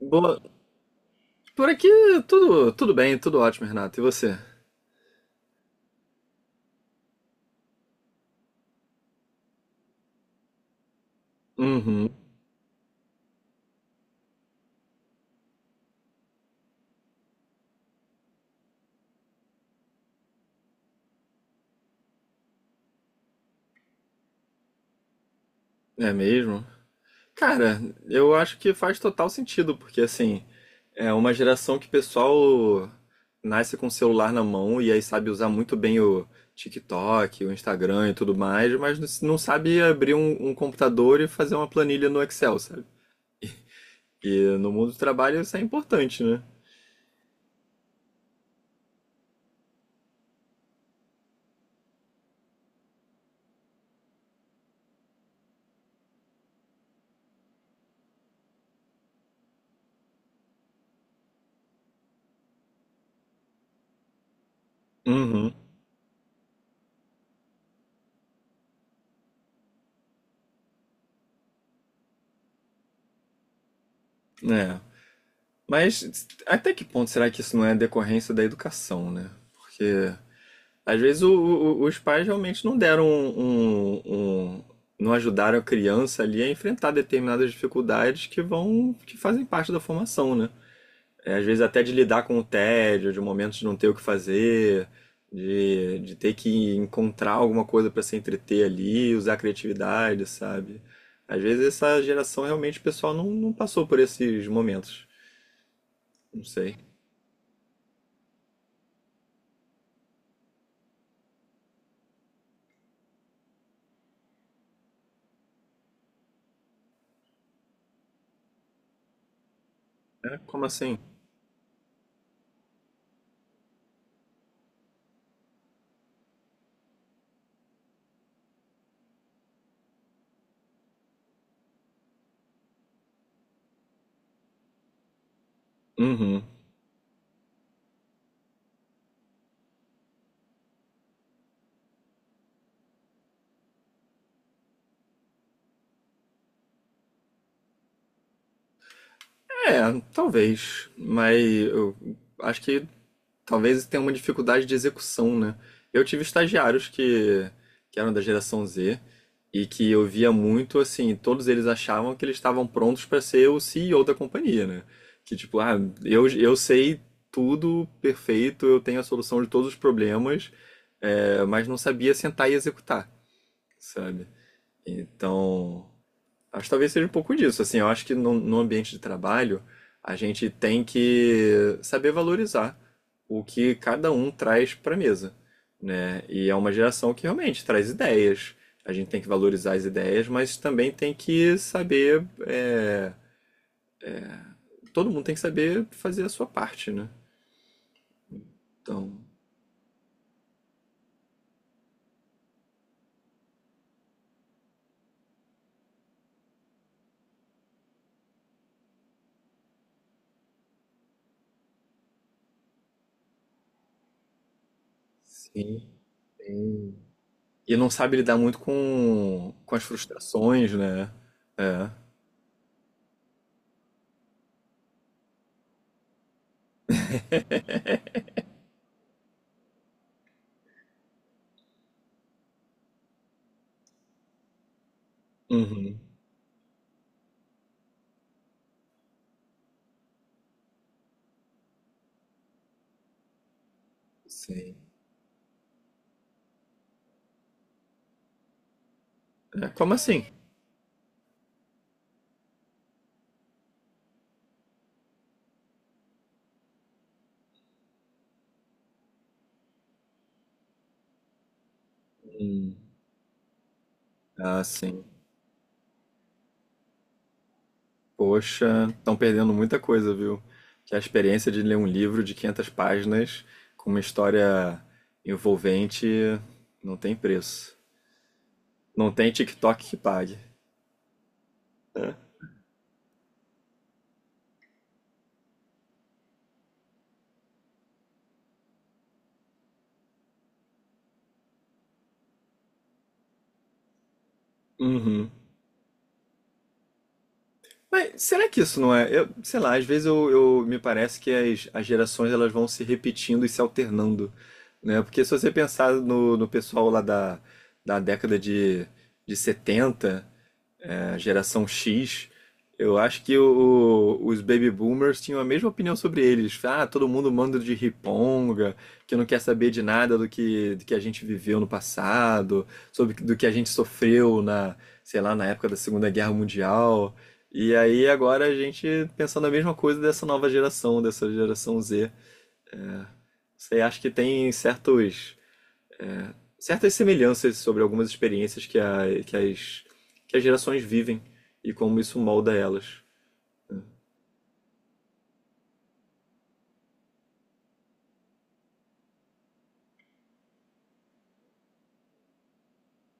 Boa. Por aqui tudo bem, tudo ótimo, Renato. E você? Uhum. É mesmo? Cara, eu acho que faz total sentido, porque assim, é uma geração que o pessoal nasce com o celular na mão e aí sabe usar muito bem o TikTok, o Instagram e tudo mais, mas não sabe abrir um computador e fazer uma planilha no Excel, sabe? E no mundo do trabalho isso é importante, né? Uhum. É. Mas até que ponto será que isso não é decorrência da educação, né? Porque às vezes os pais realmente não deram um- não ajudaram a criança ali a enfrentar determinadas dificuldades que que fazem parte da formação, né? É, às vezes até de lidar com o tédio, de momentos de não ter o que fazer, de ter que encontrar alguma coisa para se entreter ali, usar a criatividade, sabe? Às vezes essa geração realmente o pessoal não passou por esses momentos. Não sei. É, como assim? Uhum. É, talvez. Mas eu acho que talvez tenha uma dificuldade de execução, né? Eu tive estagiários que eram da geração Z e que eu via muito assim, todos eles achavam que eles estavam prontos para ser o CEO da companhia, né? Que tipo, ah, eu sei tudo perfeito, eu tenho a solução de todos os problemas, mas não sabia sentar e executar, sabe? Então, acho que talvez seja um pouco disso. Assim, eu acho que no ambiente de trabalho a gente tem que saber valorizar o que cada um traz para a mesa, né? E é uma geração que realmente traz ideias. A gente tem que valorizar as ideias, mas também tem que saber. Todo mundo tem que saber fazer a sua parte, né? Então, sim. E não sabe lidar muito com as frustrações, né? É. Uhum. Sim. É, como assim? Hum. Ah, sim. Poxa, estão perdendo muita coisa, viu? Que é a experiência de ler um livro de 500 páginas com uma história envolvente não tem preço. Não tem TikTok que pague. Né? Uhum. Mas será que isso não é? Eu, sei lá, às vezes me parece que as gerações elas vão se repetindo e se alternando, né? Porque se você pensar no pessoal lá da década de setenta, a geração X, eu acho que os baby boomers tinham a mesma opinião sobre eles. Ah, todo mundo manda de riponga, que não quer saber de nada do que a gente viveu no passado, sobre do que a gente sofreu sei lá, na época da Segunda Guerra Mundial. E aí agora a gente pensando a mesma coisa dessa nova geração, dessa geração Z. Você acha que tem certas semelhanças sobre algumas experiências que, as, que as gerações vivem e como isso molda elas.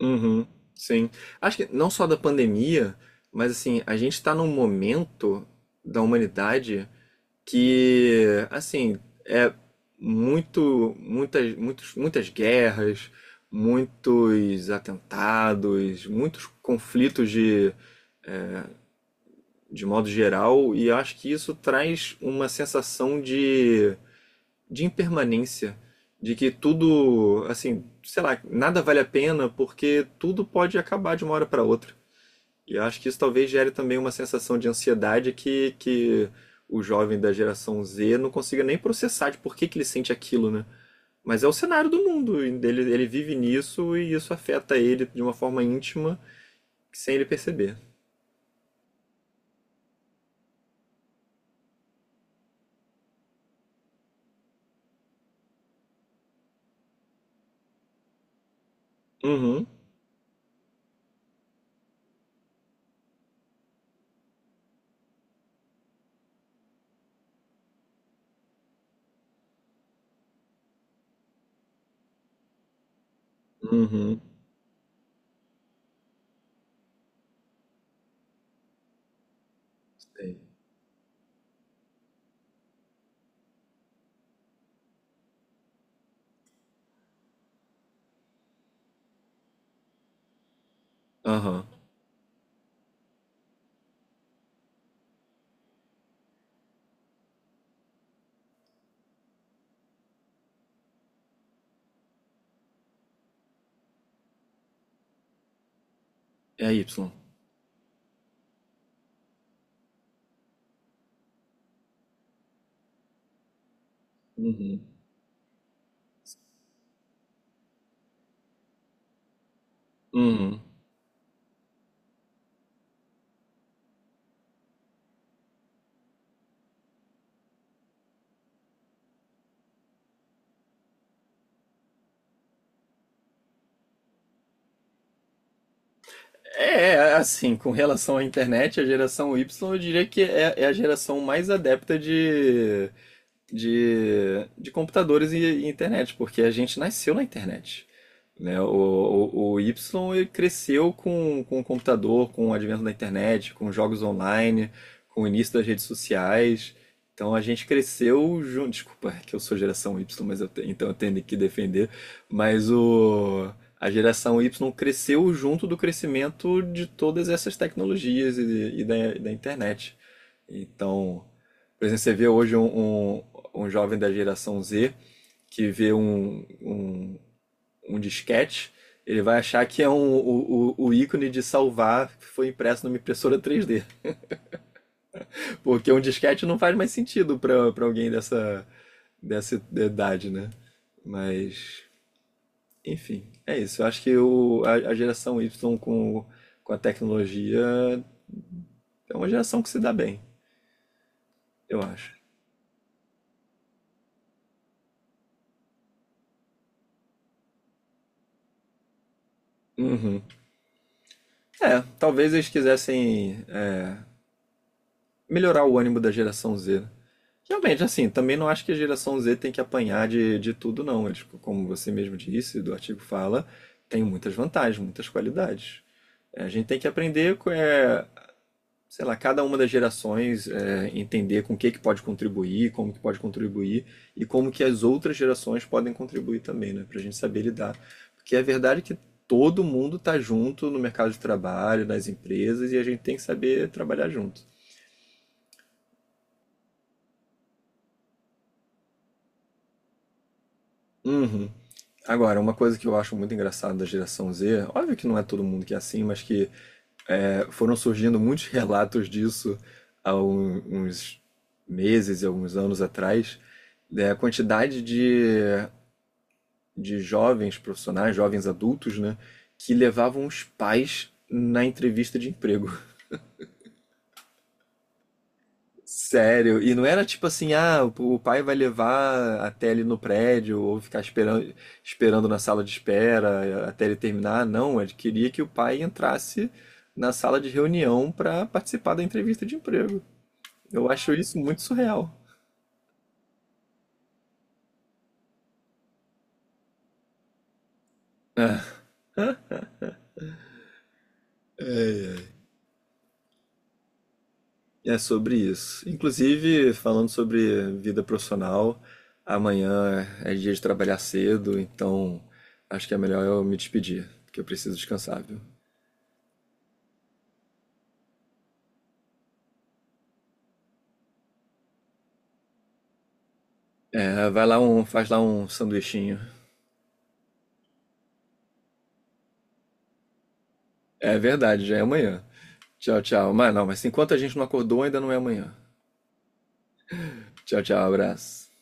Uhum, sim. Acho que não só da pandemia, mas assim, a gente está num momento da humanidade que, assim, é muito, muitas, muitos, muitas guerras, muitos atentados, muitos conflitos de modo geral, e eu acho que isso traz uma sensação de impermanência, de que tudo, assim, sei lá, nada vale a pena porque tudo pode acabar de uma hora para outra. E eu acho que isso talvez gere também uma sensação de ansiedade que o jovem da geração Z não consiga nem processar de por que, que ele sente aquilo, né? Mas é o cenário do mundo, ele vive nisso e isso afeta ele de uma forma íntima sem ele perceber. Uhum, uhum, sei. Aham, é a Y. Uhum, uhum. É, é, assim, com relação à internet, a geração Y eu diria que é a geração mais adepta de de computadores e internet, porque a gente nasceu na internet. Né? O Y ele cresceu com o computador, com o advento da internet, com jogos online, com o início das redes sociais. Então a gente cresceu junto. Desculpa é que eu sou geração Y, mas eu te- então eu tenho que defender. Mas a geração Y cresceu junto do crescimento de todas essas tecnologias e da internet. Então, por exemplo, você vê hoje um jovem da geração Z que vê um disquete, ele vai achar que é um, o ícone de salvar que foi impresso numa impressora 3D. Porque um disquete não faz mais sentido para para alguém dessa, dessa idade, né? Mas, enfim, é isso. Eu acho que a geração Y com a tecnologia é uma geração que se dá bem, eu acho. Uhum. É, talvez eles quisessem melhorar o ânimo da geração Z. Né? Realmente, assim, também não acho que a geração Z tem que apanhar de tudo, não. Eles, como você mesmo disse, do artigo fala, tem muitas vantagens, muitas qualidades. É, a gente tem que aprender, sei lá, cada uma das gerações, é, entender com o que que pode contribuir, como que pode contribuir e como que as outras gerações podem contribuir também, né? Pra gente saber lidar. Porque a verdade é que todo mundo tá junto no mercado de trabalho, nas empresas, e a gente tem que saber trabalhar junto. Uhum. Agora, uma coisa que eu acho muito engraçada da geração Z, óbvio que não é todo mundo que é assim, mas que é, foram surgindo muitos relatos disso há uns meses e alguns anos atrás, da quantidade de jovens profissionais, jovens adultos, né, que levavam os pais na entrevista de emprego. Sério, e não era tipo assim, ah, o pai vai levar até ele no prédio ou ficar esperando na sala de espera até ele terminar. Não, ele queria que o pai entrasse na sala de reunião para participar da entrevista de emprego. Eu acho isso muito surreal. É, é sobre isso. Inclusive, falando sobre vida profissional, amanhã é dia de trabalhar cedo, então acho que é melhor eu me despedir, porque eu preciso descansar, viu? É, vai lá um, faz lá um sanduichinho. É verdade, já é amanhã. Tchau, tchau. Mas não, mas enquanto a gente não acordou, ainda não é amanhã. Tchau, tchau, abraço.